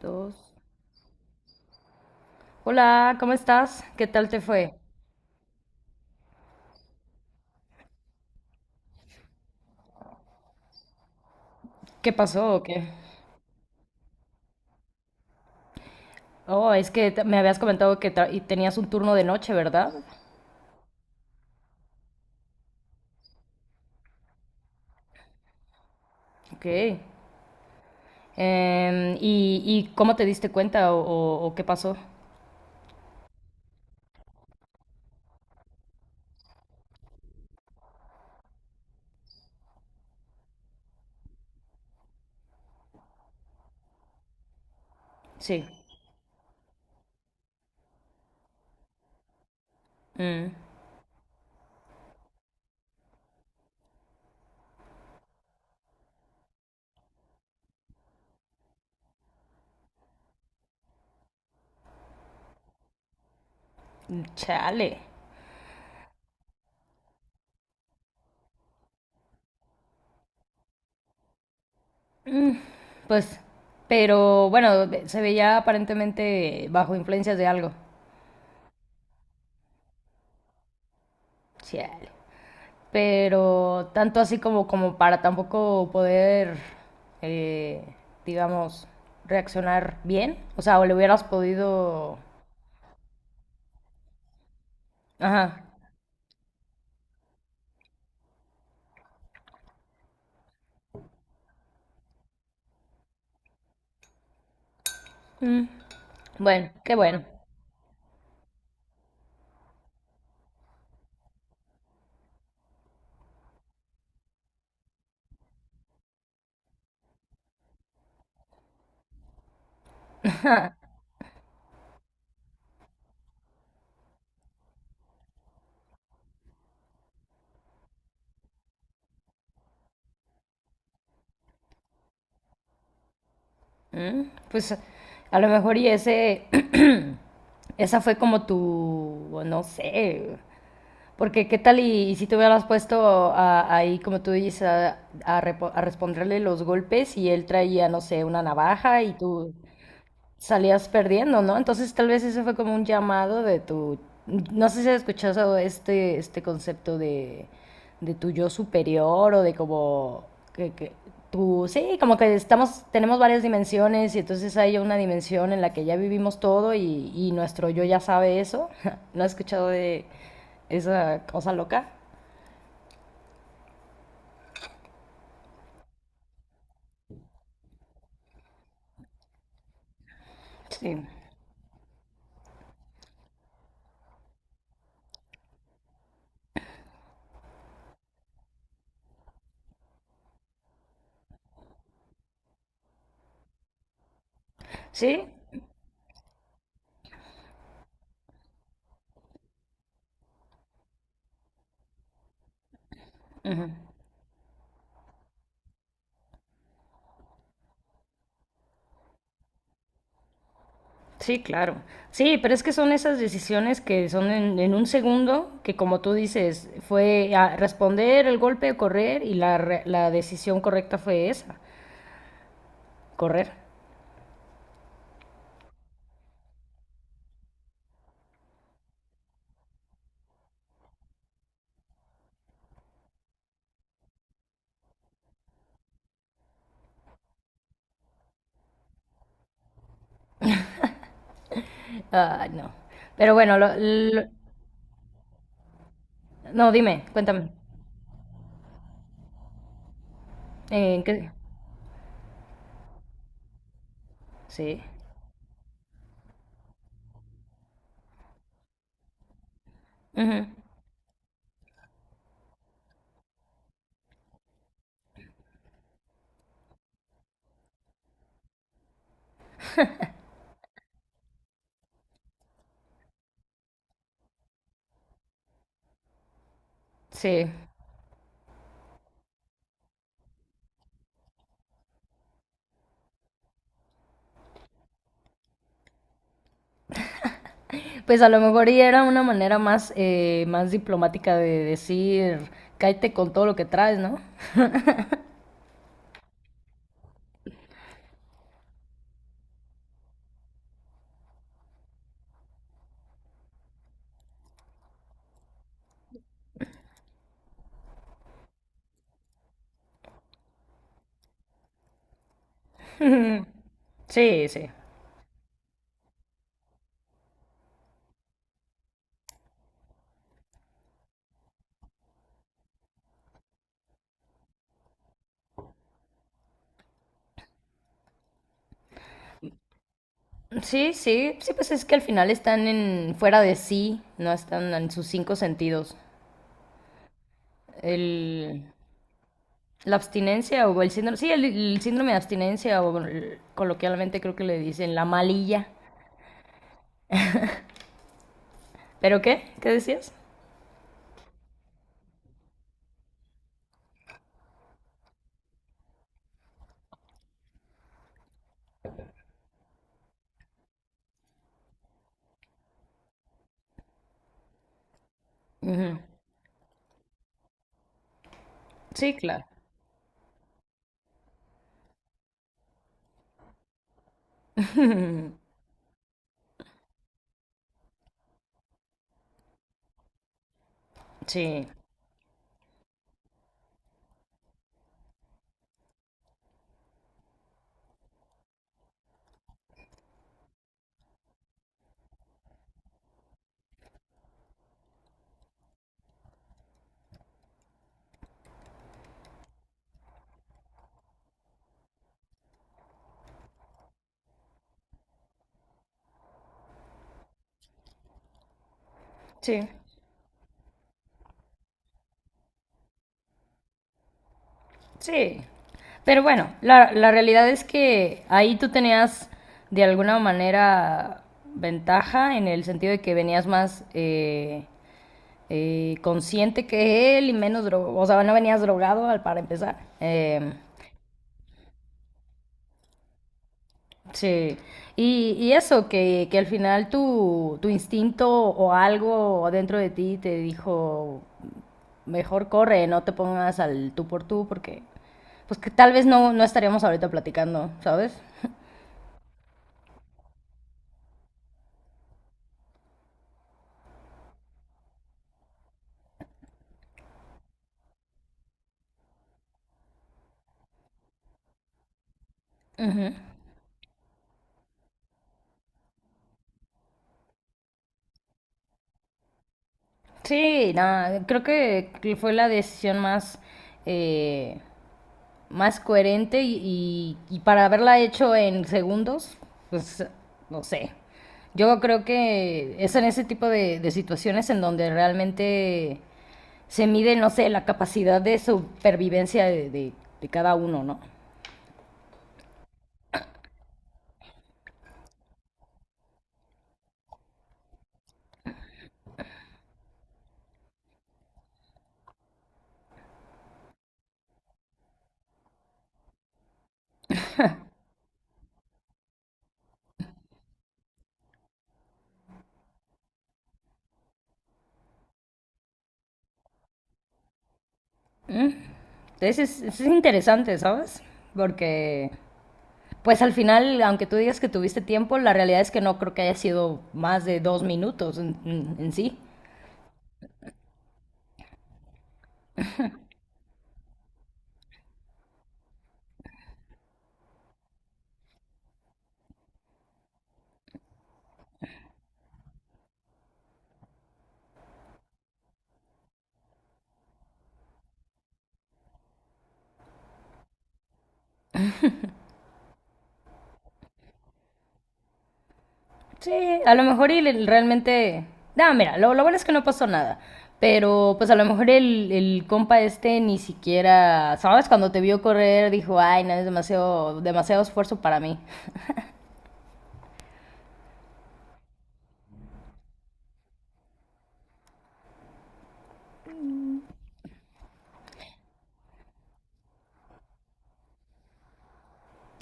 Dos. Hola, ¿cómo estás? ¿Qué tal te fue? ¿Qué pasó o qué? Oh, es que me habías comentado que tenías un turno de noche, ¿verdad? Ok. ¿Y, cómo te diste cuenta o, o qué pasó? Sí. Mm. Chale. Pues, pero bueno, se veía aparentemente bajo influencias de algo. Chale. Pero tanto así como, como para tampoco poder, eh, digamos, reaccionar bien. O sea, o le hubieras podido... Ajá. Mm. Bueno, qué bueno. Mm. Pues a lo mejor y ese... Esa fue como tu, o no sé, porque qué tal y si te hubieras puesto ahí, como tú dices, a, a responderle los golpes y él traía, no sé, una navaja y tú... salías perdiendo, ¿no? Entonces tal vez eso fue como un llamado de tu, no sé si has escuchado este concepto de tu yo superior o de como que tú sí, como que estamos, tenemos varias dimensiones y entonces hay una dimensión en la que ya vivimos todo y nuestro yo ya sabe eso. ¿No has escuchado de esa cosa loca? Sí. ¿Sí? Sí, claro. Sí, pero es que son esas decisiones que son en un segundo, que como tú dices, fue a responder el golpe o correr y la decisión correcta fue esa, correr. Ah, no. Pero bueno, no, dime, cuéntame. ¿En qué? Sí. Ujú. Sí. Pues a lo mejor y era una manera más, más diplomática de decir, cállate con todo lo que traes, ¿no? Sí, sí. Sí, sí, sí, pues es que al final están en fuera de sí, no están en sus cinco sentidos. El, la abstinencia o el síndrome, sí, el síndrome de abstinencia o coloquialmente creo que le dicen la malilla. ¿Pero qué? ¿Qué decías? Ujú. Sí, claro. Sí, sí, sí. Pero bueno, la realidad es que ahí tú tenías de alguna manera ventaja en el sentido de que venías más consciente que él y menos drogado, o sea, no venías drogado para empezar. Sí, y eso, que al final tu instinto o algo dentro de ti te dijo, mejor corre, no te pongas al tú por tú, porque pues que tal vez no, no estaríamos ahorita platicando, ¿sabes? Ujú. Sí, nada, creo que fue la decisión más eh, más coherente y para haberla hecho en segundos, pues no sé. Yo creo que es en ese tipo de situaciones en donde realmente se mide, no sé, la capacidad de supervivencia de cada uno, ¿no? Entonces es interesante, ¿sabes? Porque, pues al final, aunque tú digas que tuviste tiempo, la realidad es que no creo que haya sido más de dos minutos en, en sí. Sí, a lo mejor y realmente... No, mira, lo bueno es que no pasó nada. Pero pues a lo mejor el compa este ni siquiera, ¿sabes? Cuando te vio correr dijo, ay, no, es demasiado, demasiado esfuerzo para mí.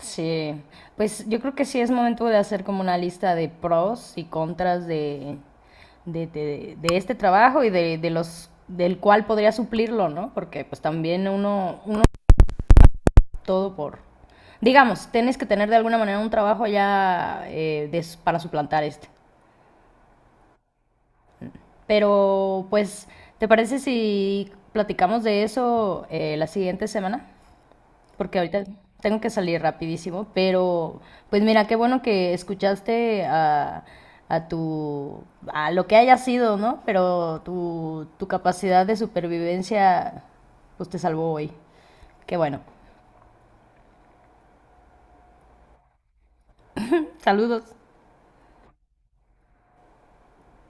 Sí, pues yo creo que sí es momento de hacer como una lista de pros y contras de, de este trabajo y de los del cual podría suplirlo, ¿no? Porque pues también uno, uno todo por... Digamos, tienes que tener de alguna manera un trabajo ya para suplantar este. Pero, pues, ¿te parece si platicamos de eso la siguiente semana? Porque ahorita tengo que salir rapidísimo. Pero, pues mira, qué bueno que escuchaste a tu... a lo que haya sido, ¿no? Pero tu capacidad de supervivencia, pues te salvó hoy. Qué bueno. Saludos.